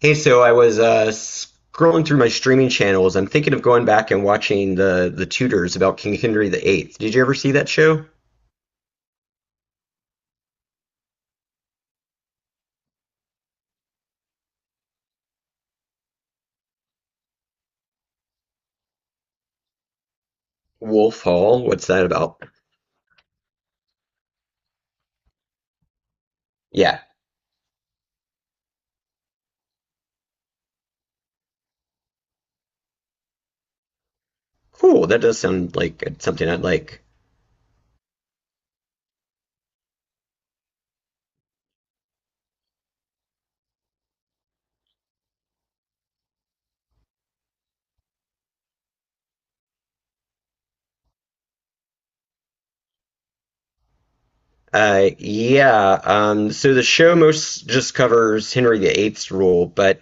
Hey, so I was scrolling through my streaming channels. I'm thinking of going back and watching the Tudors about King Henry the Eighth. Did you ever see that show? Wolf Hall? What's that about? Yeah, cool. That does sound like something I'd like. Yeah. So the show most just covers Henry the Eighth's rule, but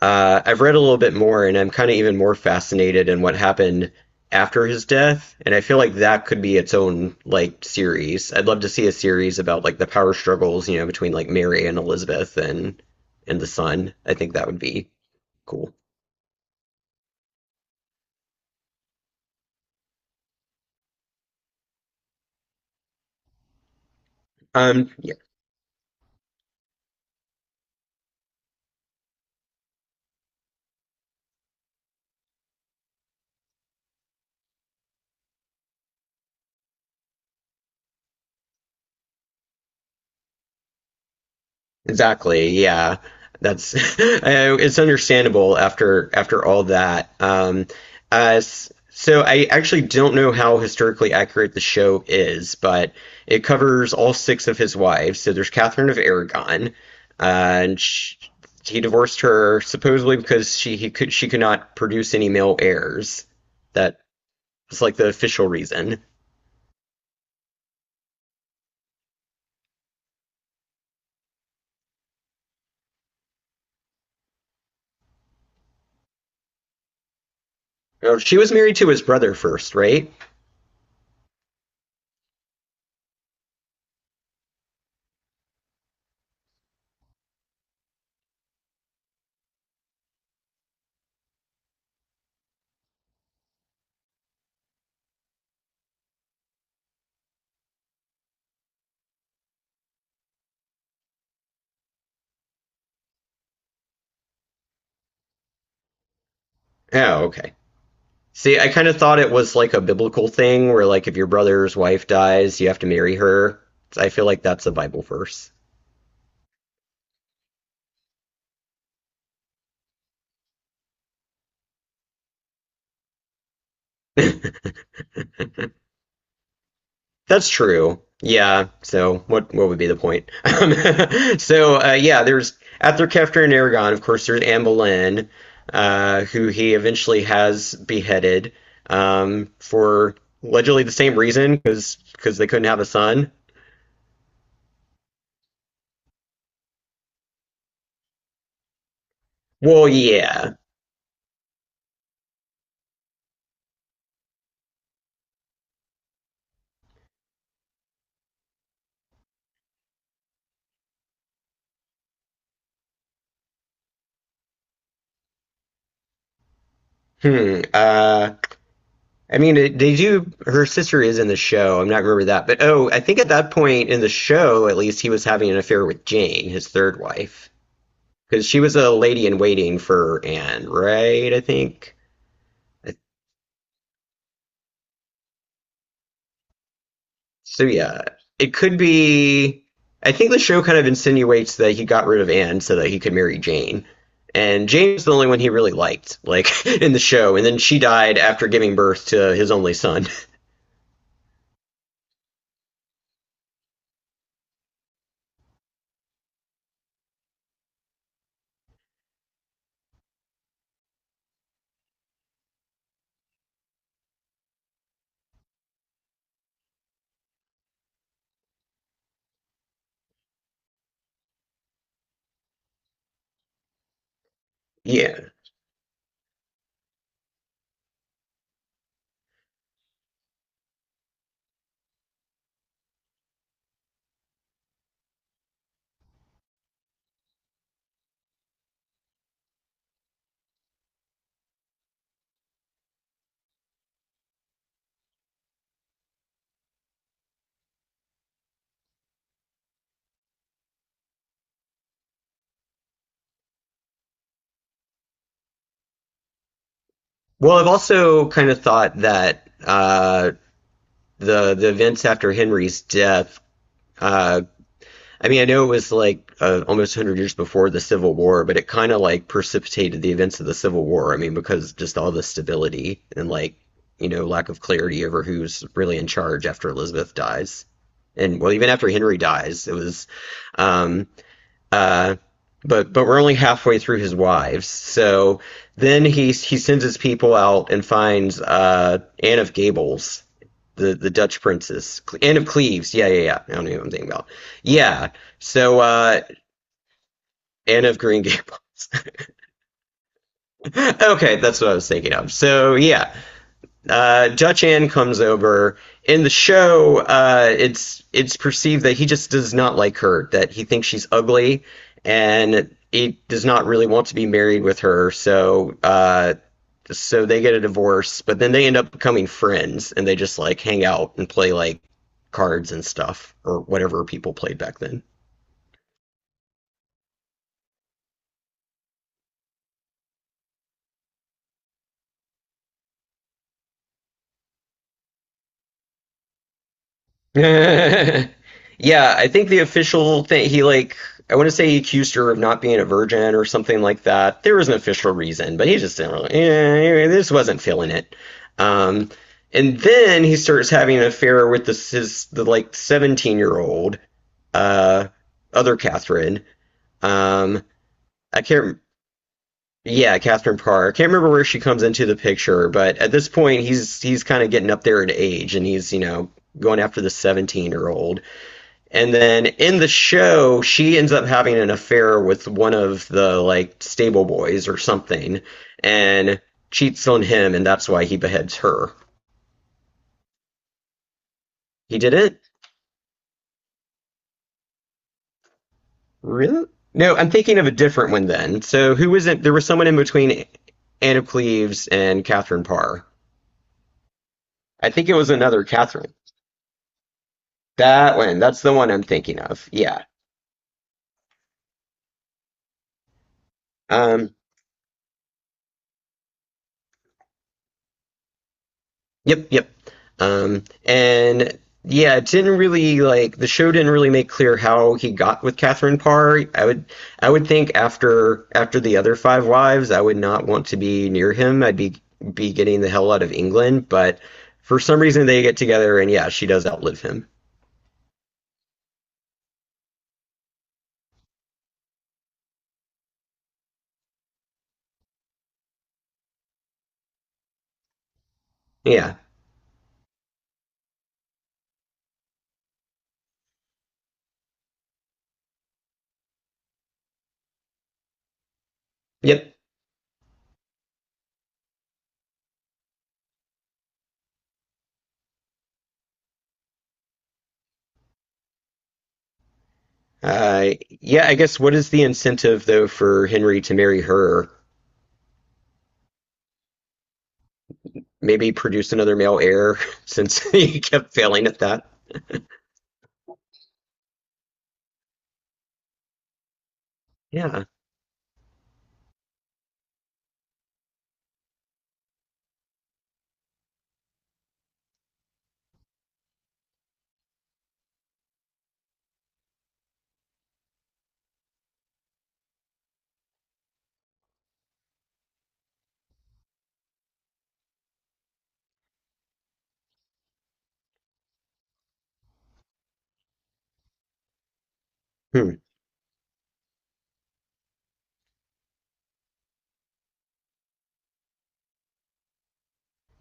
I've read a little bit more, and I'm kind of even more fascinated in what happened after his death. And I feel like that could be its own like series. I'd love to see a series about like the power struggles, between like Mary and Elizabeth and the son. I think that would be cool. Um, Exactly. Yeah. That's it's understandable after all that. So I actually don't know how historically accurate the show is, but it covers all six of his wives. So there's Catherine of Aragon, and sh he divorced her supposedly because she could not produce any male heirs. That was like the official reason. Oh, she was married to his brother first, right? Oh, okay. See, I kind of thought it was like a biblical thing where like if your brother's wife dies, you have to marry her. I feel like that's a Bible verse. That's true. Yeah. So what would be the point? So yeah, there's after Kefter and Aragon, of course, there's Anne Boleyn, who he eventually has beheaded for allegedly the same reason because they couldn't have a son. Well, yeah. Hmm. I mean, they do. Her sister is in the show. I'm not remember that, but oh, I think at that point in the show, at least, he was having an affair with Jane, his third wife, because she was a lady in waiting for Anne, right? I think. So yeah, it could be. I think the show kind of insinuates that he got rid of Anne so that he could marry Jane, and Jane was the only one he really liked, like in the show. And then she died after giving birth to his only son. Yeah. Well, I've also kind of thought that the events after Henry's death. Uh, I mean, I know it was like almost 100 years before the Civil War, but it kind of like precipitated the events of the Civil War. I mean, because just all the stability and like lack of clarity over who's really in charge after Elizabeth dies, and well, even after Henry dies, it was. Um, uh, but we're only halfway through his wives. So then he sends his people out and finds Anne of Gables, the Dutch princess, Anne of Cleves. Yeah, yeah, yeah. I don't know what I'm thinking about. Yeah. So uh, Anne of Green Gables. Okay, that's what I was thinking of. So yeah, Dutch Ann comes over. In the show, it's perceived that he just does not like her, that he thinks she's ugly, and he does not really want to be married with her. So they get a divorce, but then they end up becoming friends, and they just like hang out and play like cards and stuff or whatever people played back then. Yeah, I think the official thing he like I want to say he accused her of not being a virgin or something like that. There was an official reason, but he just didn't really. Yeah, this wasn't feeling it. Um, and then he starts having an affair with this his the like 17-year-old uh other Catherine. Um, I can't. Yeah, Catherine Parr. I can't remember where she comes into the picture, but at this point he's kind of getting up there in age, and he's going after the 17-year-old. And then in the show, she ends up having an affair with one of the like stable boys or something and cheats on him, and that's why he beheads her. He did it? Really? No, I'm thinking of a different one then. So who was it? There was someone in between Anna Cleves and Catherine Parr. I think it was another Catherine. That one. That's the one I'm thinking of. Yeah. Um, Yep, yep. And yeah, it didn't really like the show didn't really make clear how he got with Catherine Parr. I would think after the other five wives, I would not want to be near him. I'd be getting the hell out of England, but for some reason they get together and yeah, she does outlive him. Yeah. Yep. Yeah, I guess what is the incentive though for Henry to marry her? Maybe produce another male heir since he kept failing at that. Yeah. Hmm.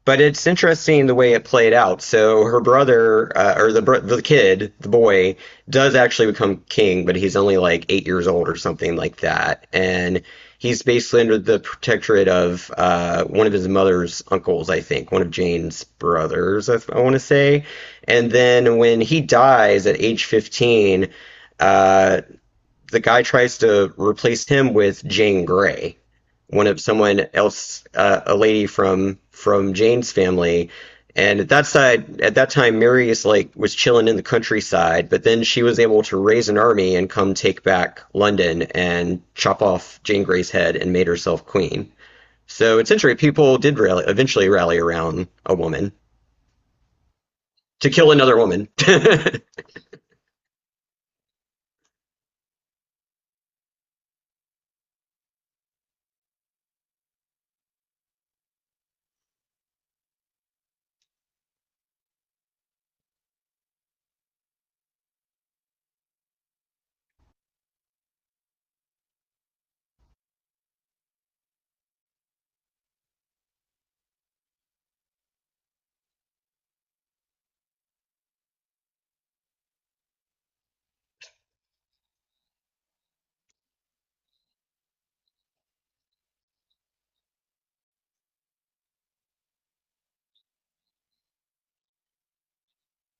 But it's interesting the way it played out. So her brother, or the kid, the boy, does actually become king, but he's only like 8 years old or something like that, and he's basically under the protectorate of one of his mother's uncles, I think, one of Jane's brothers, I want to say. And then when he dies at age 15, uh, the guy tries to replace him with Jane Grey one of someone else, a lady from Jane's family. And at that time, Mary is like was chilling in the countryside, but then she was able to raise an army and come take back London and chop off Jane Grey's head and made herself queen. So it's interesting. People eventually rally around a woman to kill another woman.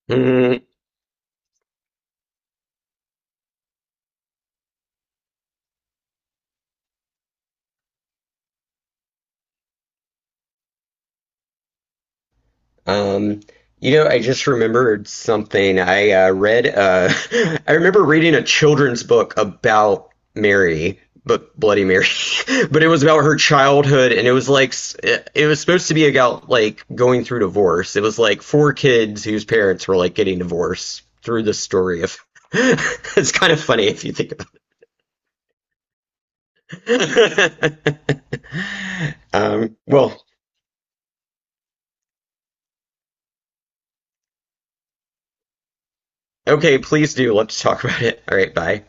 Hmm. Um, I just remembered something. I remember reading a children's book about Mary, but Bloody Mary, but it was about her childhood, and it was supposed to be about like going through divorce. It was like four kids whose parents were like getting divorced through the story of. It's kind of funny if you think about it. Well, okay, please do. Let's talk about it. All right, bye.